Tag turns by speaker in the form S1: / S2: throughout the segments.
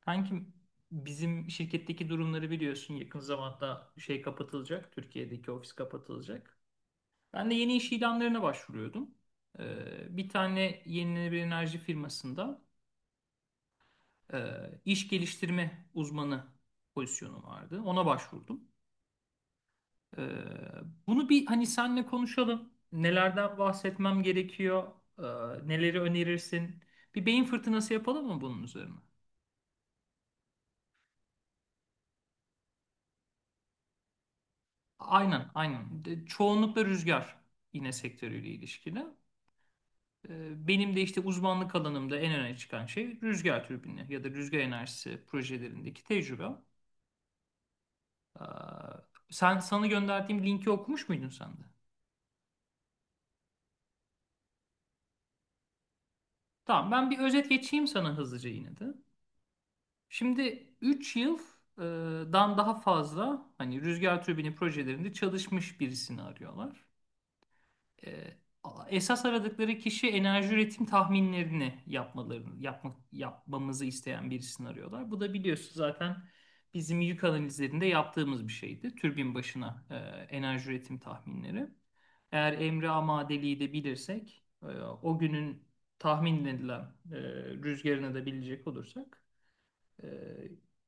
S1: Kankim bizim şirketteki durumları biliyorsun yakın zamanda şey kapatılacak. Türkiye'deki ofis kapatılacak. Ben de yeni iş ilanlarına başvuruyordum. Bir tane yenilenebilir enerji firmasında e, iş geliştirme uzmanı pozisyonu vardı. Ona başvurdum. Ee, Bunu bir hani senle konuşalım. Nelerden bahsetmem gerekiyor? Ee, Neleri önerirsin? Bir beyin fırtınası yapalım mı bunun üzerine? Aynen, aynen. Çoğunlukla rüzgar yine sektörüyle ilişkili. Benim de işte uzmanlık alanımda en öne çıkan şey rüzgar türbini ya da rüzgar enerjisi projelerindeki tecrübe. Ee, sana gönderdiğim linki okumuş muydun sen de? Tamam, ben bir özet geçeyim sana hızlıca yine de. Şimdi 3 yıldan daha fazla hani rüzgar türbini projelerinde çalışmış birisini arıyorlar. e, Esas aradıkları kişi enerji üretim tahminlerini yapmalarını yapmak yapmamızı isteyen birisini arıyorlar. Bu da biliyorsun zaten bizim yük analizlerinde yaptığımız bir şeydi. Türbin başına enerji üretim tahminleri. Eğer Emre Amadeli'yi de bilirsek, o günün tahmin edilen e, rüzgarını da bilecek olursak, e,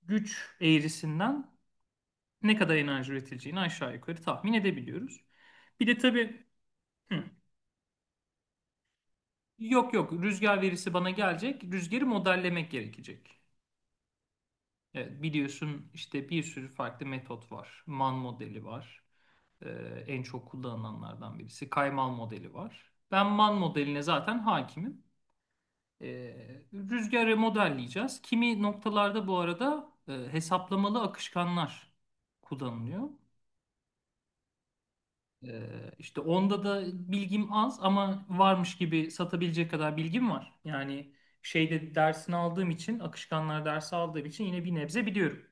S1: güç eğrisinden ne kadar enerji üretileceğini aşağı yukarı tahmin edebiliyoruz. Bir de tabii hı, yok yok, rüzgar verisi bana gelecek. Rüzgarı modellemek gerekecek. Evet, biliyorsun işte bir sürü farklı metot var. Man modeli var. Ee, En çok kullanılanlardan birisi. Kaymal modeli var. Ben man modeline zaten hakimim. Rüzgarı modelleyeceğiz. Kimi noktalarda bu arada hesaplamalı akışkanlar kullanılıyor. İşte onda da bilgim az ama varmış gibi satabilecek kadar bilgim var. Yani şeyde dersini aldığım için, akışkanlar dersi aldığım için yine bir nebze biliyorum.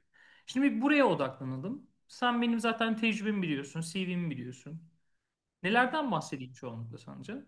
S1: Şimdi bir buraya odaklanalım. Sen benim zaten tecrübemi biliyorsun, CV'mi biliyorsun. Nelerden bahsedeyim çoğunlukla sence?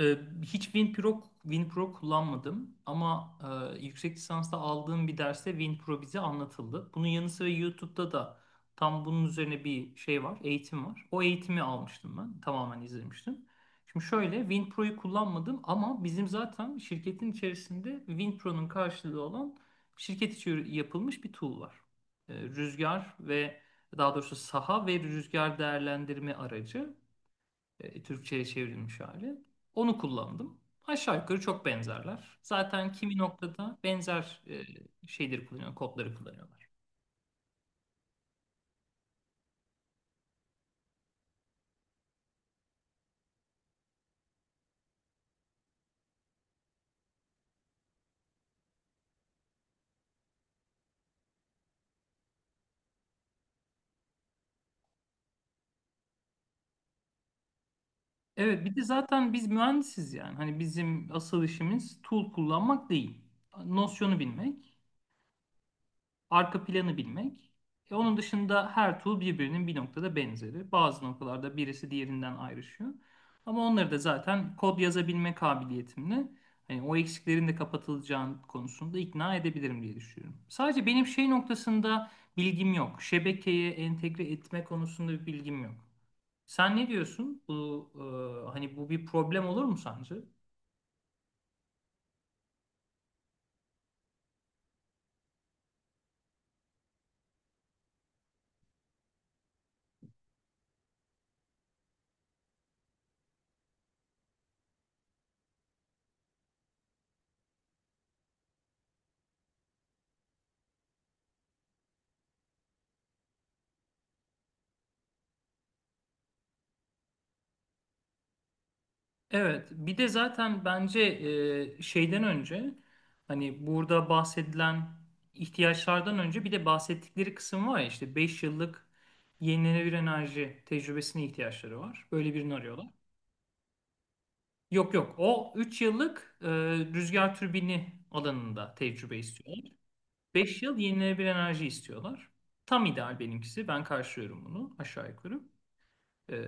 S1: Ee, Hiç WinPro kullanmadım ama yüksek lisansta aldığım bir derste WinPro bize anlatıldı. Bunun yanı sıra YouTube'da da tam bunun üzerine bir şey var, eğitim var. O eğitimi almıştım ben, tamamen izlemiştim. Şimdi şöyle WinPro'yu kullanmadım ama bizim zaten şirketin içerisinde WinPro'nun karşılığı olan şirket içi yapılmış bir tool var. Rüzgar ve daha doğrusu saha ve rüzgar değerlendirme aracı Türkçe'ye çevrilmiş hali. Onu kullandım. Aşağı yukarı çok benzerler. Zaten kimi noktada benzer şeyleri kullanıyor, kodları kullanıyorlar. Evet, bir de zaten biz mühendisiz yani. Hani bizim asıl işimiz tool kullanmak değil. Nosyonu bilmek, arka planı bilmek. E, onun dışında her tool birbirinin bir noktada benzeri. Bazı noktalarda birisi diğerinden ayrışıyor. Ama onları da zaten kod yazabilme kabiliyetimle hani o eksiklerin de kapatılacağını konusunda ikna edebilirim diye düşünüyorum. Sadece benim şey noktasında bilgim yok. Şebekeye entegre etme konusunda bir bilgim yok. Sen ne diyorsun? Bu hani bu bir problem olur mu sence? Evet, bir de zaten bence şeyden önce hani burada bahsedilen ihtiyaçlardan önce bir de bahsettikleri kısım var ya işte 5 yıllık yenilenebilir enerji tecrübesine ihtiyaçları var. Böyle birini arıyorlar. Yok yok, o 3 yıllık rüzgar türbini alanında tecrübe istiyorlar. 5 yıl yenilenebilir enerji istiyorlar. Tam ideal benimkisi. Ben karşılıyorum bunu aşağı yukarı. Ee,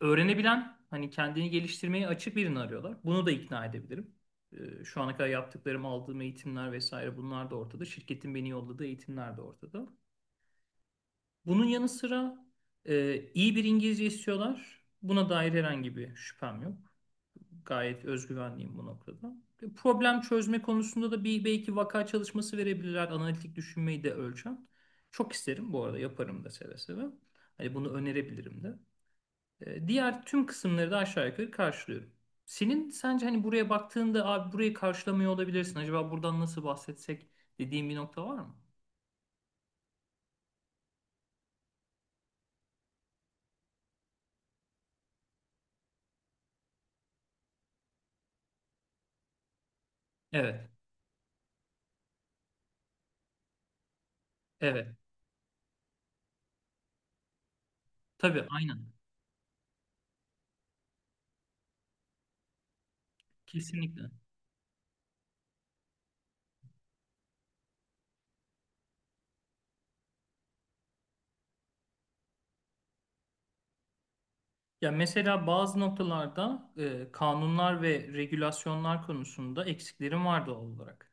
S1: Öğrenebilen, hani kendini geliştirmeye açık birini arıyorlar. Bunu da ikna edebilirim. Şu ana kadar yaptıklarım, aldığım eğitimler vesaire bunlar da ortada. Şirketin beni yolladığı eğitimler de ortada. Bunun yanı sıra iyi bir İngilizce istiyorlar. Buna dair herhangi bir şüphem yok. Gayet özgüvenliyim bu noktada. E, problem çözme konusunda da bir belki vaka çalışması verebilirler. Analitik düşünmeyi de ölçen. Çok isterim bu arada, yaparım da seve seve. Hani bunu önerebilirim de. E, diğer tüm kısımları da aşağı yukarı karşılıyorum. Senin sence hani buraya baktığında abi burayı karşılamıyor olabilirsin. Acaba buradan nasıl bahsetsek dediğin bir nokta var mı? Evet. Evet. Tabii, aynen. Kesinlikle. Ya mesela bazı noktalarda kanunlar ve regülasyonlar konusunda eksiklerim var doğal olarak.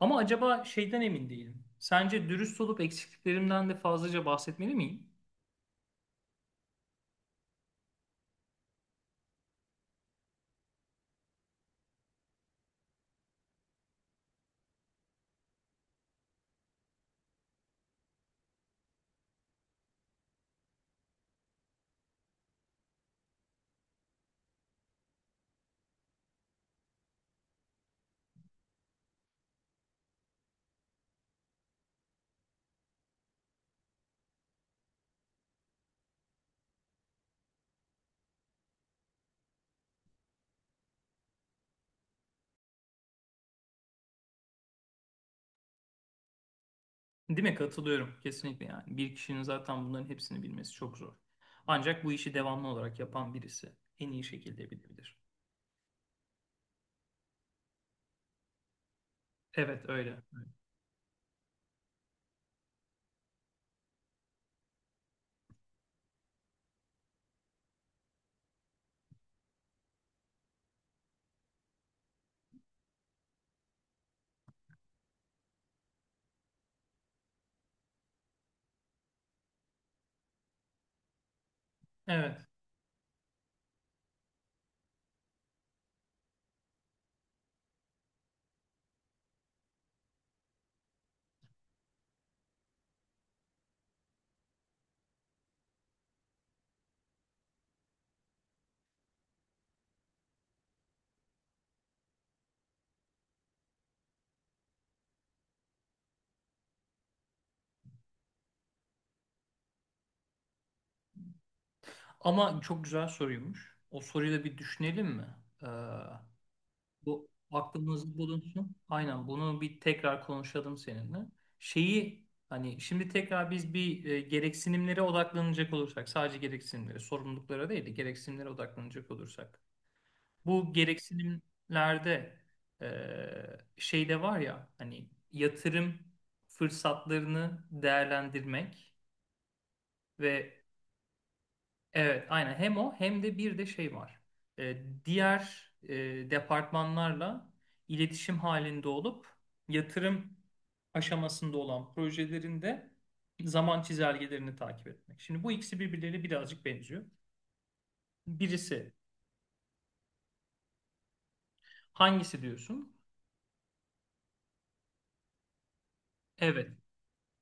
S1: Ama acaba şeyden emin değilim. Sence dürüst olup eksikliklerimden de fazlaca bahsetmeli miyim? Değil mi? Katılıyorum. Kesinlikle yani. Bir kişinin zaten bunların hepsini bilmesi çok zor. Ancak bu işi devamlı olarak yapan birisi en iyi şekilde bilebilir. Evet öyle. Evet. Ama çok güzel soruymuş. O soruyu da bir düşünelim mi? Ee, Bu aklımızda bulunsun. Aynen, bunu bir tekrar konuşalım seninle. Şeyi hani şimdi tekrar biz bir gereksinimlere odaklanacak olursak, sadece gereksinimlere sorumluluklara değil de gereksinimlere odaklanacak olursak. Bu gereksinimlerde şey de var ya hani yatırım fırsatlarını değerlendirmek ve evet aynen hem o hem de bir de şey var. Diğer departmanlarla iletişim halinde olup yatırım aşamasında olan projelerinde zaman çizelgelerini takip etmek. Şimdi bu ikisi birbirleriyle birazcık benziyor. Birisi hangisi diyorsun? Evet.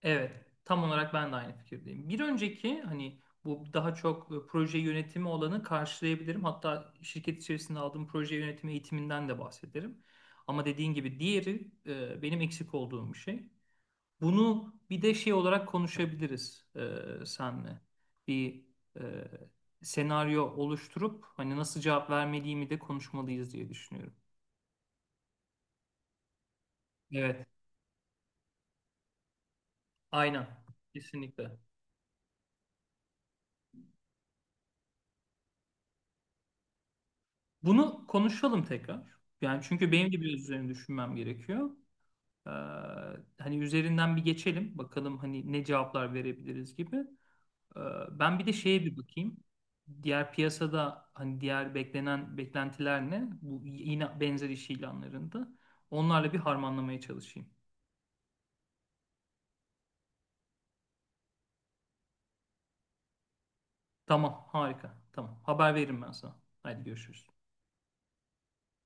S1: Evet, tam olarak ben de aynı fikirdeyim. Bir önceki hani bu daha çok proje yönetimi olanı karşılayabilirim. Hatta şirket içerisinde aldığım proje yönetimi eğitiminden de bahsederim. Ama dediğin gibi diğeri benim eksik olduğum bir şey. Bunu bir de şey olarak konuşabiliriz senle. Bir e, senaryo oluşturup hani nasıl cevap vermediğimi de konuşmalıyız diye düşünüyorum. Evet, aynen. Kesinlikle. Bunu konuşalım tekrar. Yani çünkü benim de biraz üzerine düşünmem gerekiyor. Ee, Hani üzerinden bir geçelim. Bakalım hani ne cevaplar verebiliriz gibi. Ee, Ben bir de şeye bir bakayım. Diğer piyasada hani diğer beklentiler ne? Bu yine benzer iş ilanlarında. Onlarla bir harmanlamaya çalışayım. Tamam, harika. Tamam. Haber veririm ben sana. Hadi görüşürüz.